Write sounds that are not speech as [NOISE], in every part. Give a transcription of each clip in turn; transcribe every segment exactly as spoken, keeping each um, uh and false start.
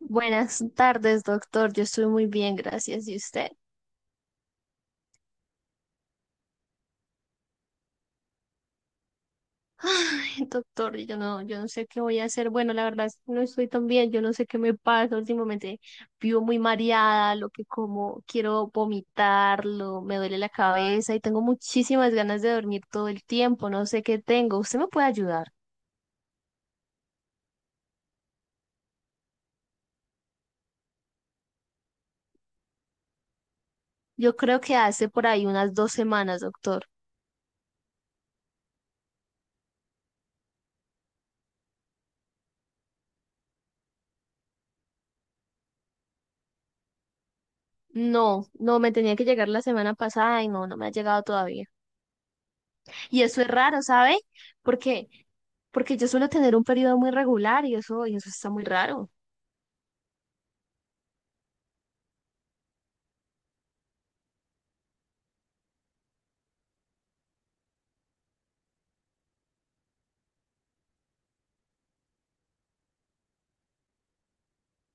Buenas tardes, doctor. Yo estoy muy bien, gracias. ¿Y usted? Ay, doctor, yo no, yo no sé qué voy a hacer. Bueno, la verdad es que no estoy tan bien. Yo no sé qué me pasa. Últimamente vivo muy mareada, lo que como quiero vomitarlo, me duele la cabeza y tengo muchísimas ganas de dormir todo el tiempo. No sé qué tengo. ¿Usted me puede ayudar? Yo creo que hace por ahí unas dos semanas, doctor. No, no, me tenía que llegar la semana pasada y no, no me ha llegado todavía. Y eso es raro, ¿sabe? Porque porque yo suelo tener un periodo muy regular y eso, y eso está muy raro.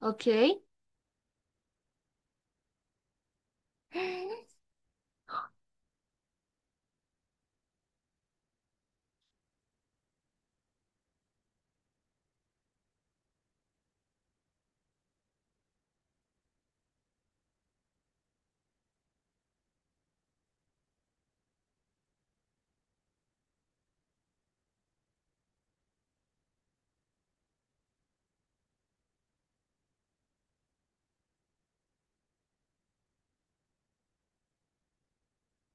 Ok.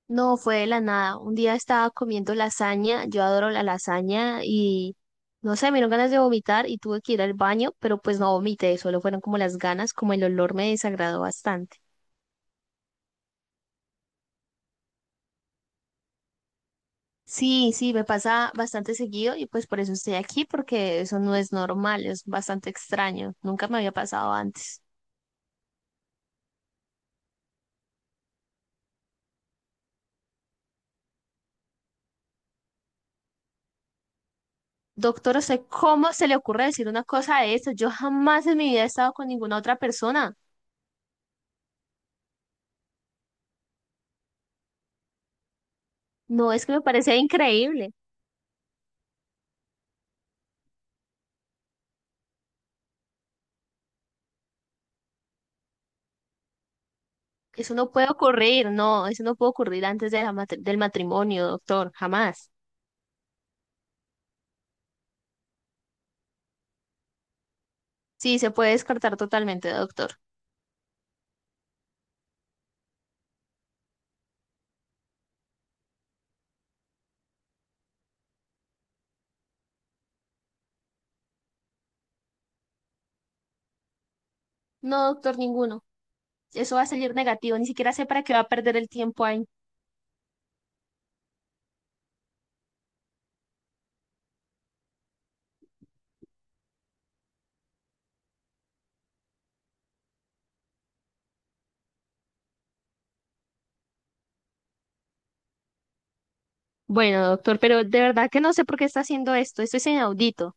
No, fue de la nada. Un día estaba comiendo lasaña, yo adoro la lasaña y no sé, me dieron ganas de vomitar y tuve que ir al baño, pero pues no vomité, solo fueron como las ganas, como el olor me desagradó bastante. Sí, sí, me pasa bastante seguido y pues por eso estoy aquí, porque eso no es normal, es bastante extraño, nunca me había pasado antes. Doctor, ¿usted cómo se le ocurre decir una cosa de esto? Yo jamás en mi vida he estado con ninguna otra persona. No, es que me parece increíble. Eso no puede ocurrir, no, eso no puede ocurrir antes de la matri- del matrimonio, doctor, jamás. Sí, se puede descartar totalmente, doctor. No, doctor, ninguno. Eso va a salir negativo, ni siquiera sé para qué va a perder el tiempo ahí. Bueno, doctor, pero de verdad que no sé por qué está haciendo esto, esto es inaudito.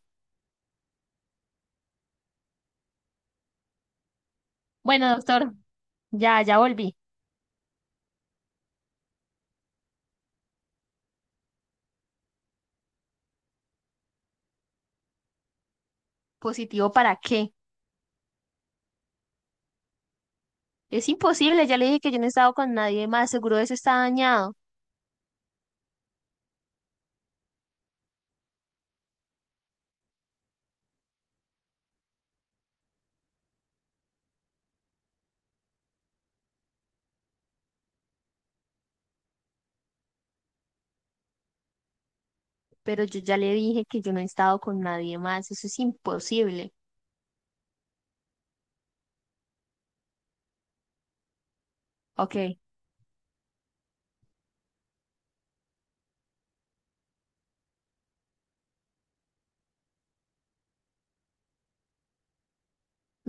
Bueno, doctor, ya, ya volví. ¿Positivo para qué? Es imposible, ya le dije que yo no he estado con nadie más, seguro eso está dañado, pero yo ya le dije que yo no he estado con nadie más, eso es imposible. Ok,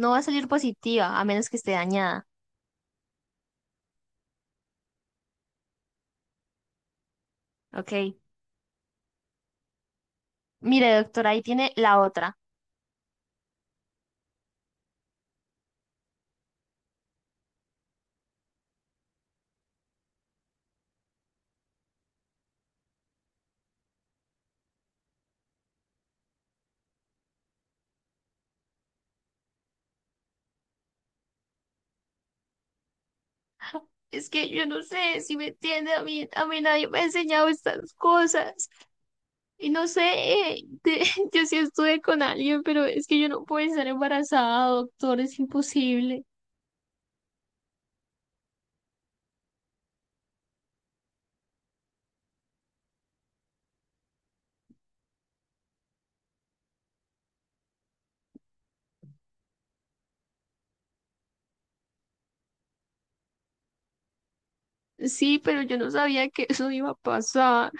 no va a salir positiva a menos que esté dañada. Ok, mire doctora, ahí tiene la otra. Es que yo no sé si me entiende, a mí, a mí nadie me ha enseñado estas cosas. Y no sé, eh, de- [LAUGHS] yo sí estuve con alguien, pero es que yo no puedo estar embarazada, doctor, es imposible. Sí, pero yo no sabía que eso iba a pasar.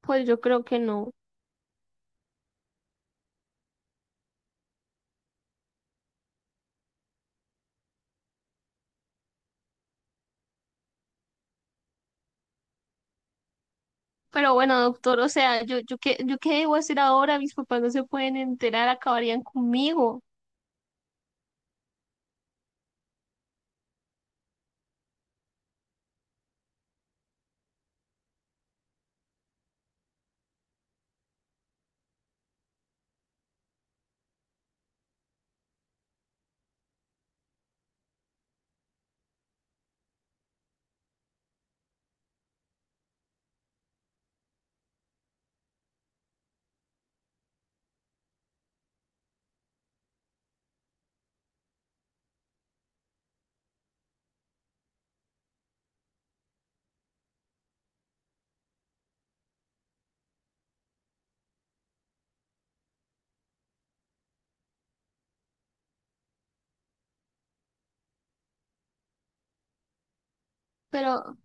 Pues yo creo que no. Pero bueno, doctor, o sea, yo, yo qué, yo qué debo hacer ahora, mis papás no se pueden enterar, acabarían conmigo. Pero,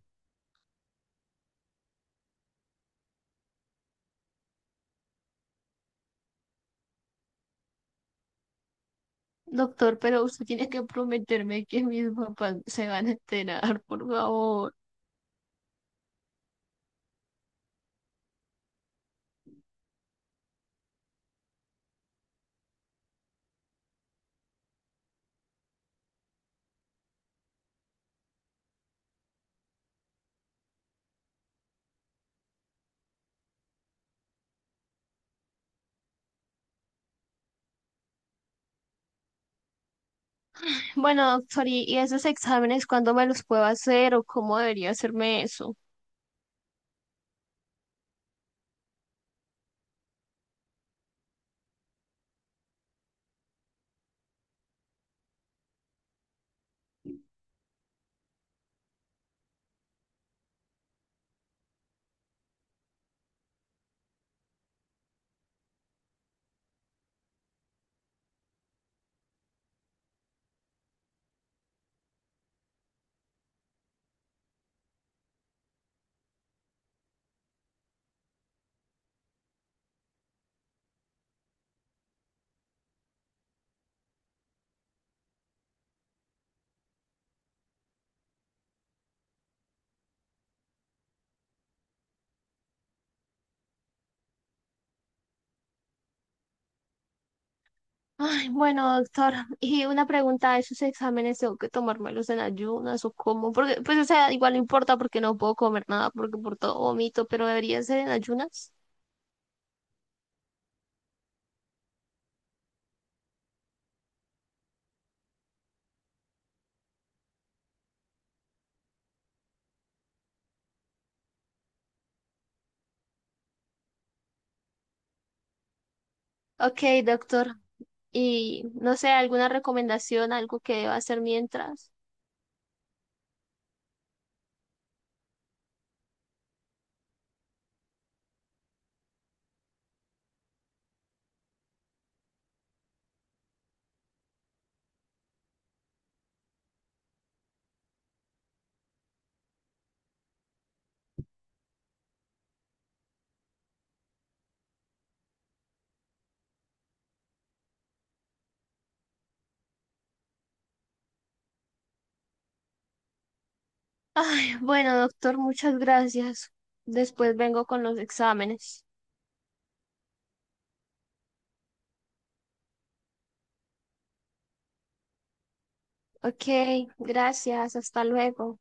doctor, pero usted tiene que prometerme que mis papás se van a enterar, por favor. Bueno, doctor, ¿y, y esos exámenes cuándo me los puedo hacer o cómo debería hacerme eso? Ay, bueno, doctor, y una pregunta, ¿esos exámenes tengo que tomármelos en ayunas o cómo? Porque, pues, o sea, igual no importa porque no puedo comer nada, porque por todo vomito, pero debería ser en ayunas. Ok, doctor. Y no sé, alguna recomendación, algo que deba hacer mientras. [LAUGHS] Ay, bueno, doctor, muchas gracias. Después vengo con los exámenes. Ok, gracias, hasta luego.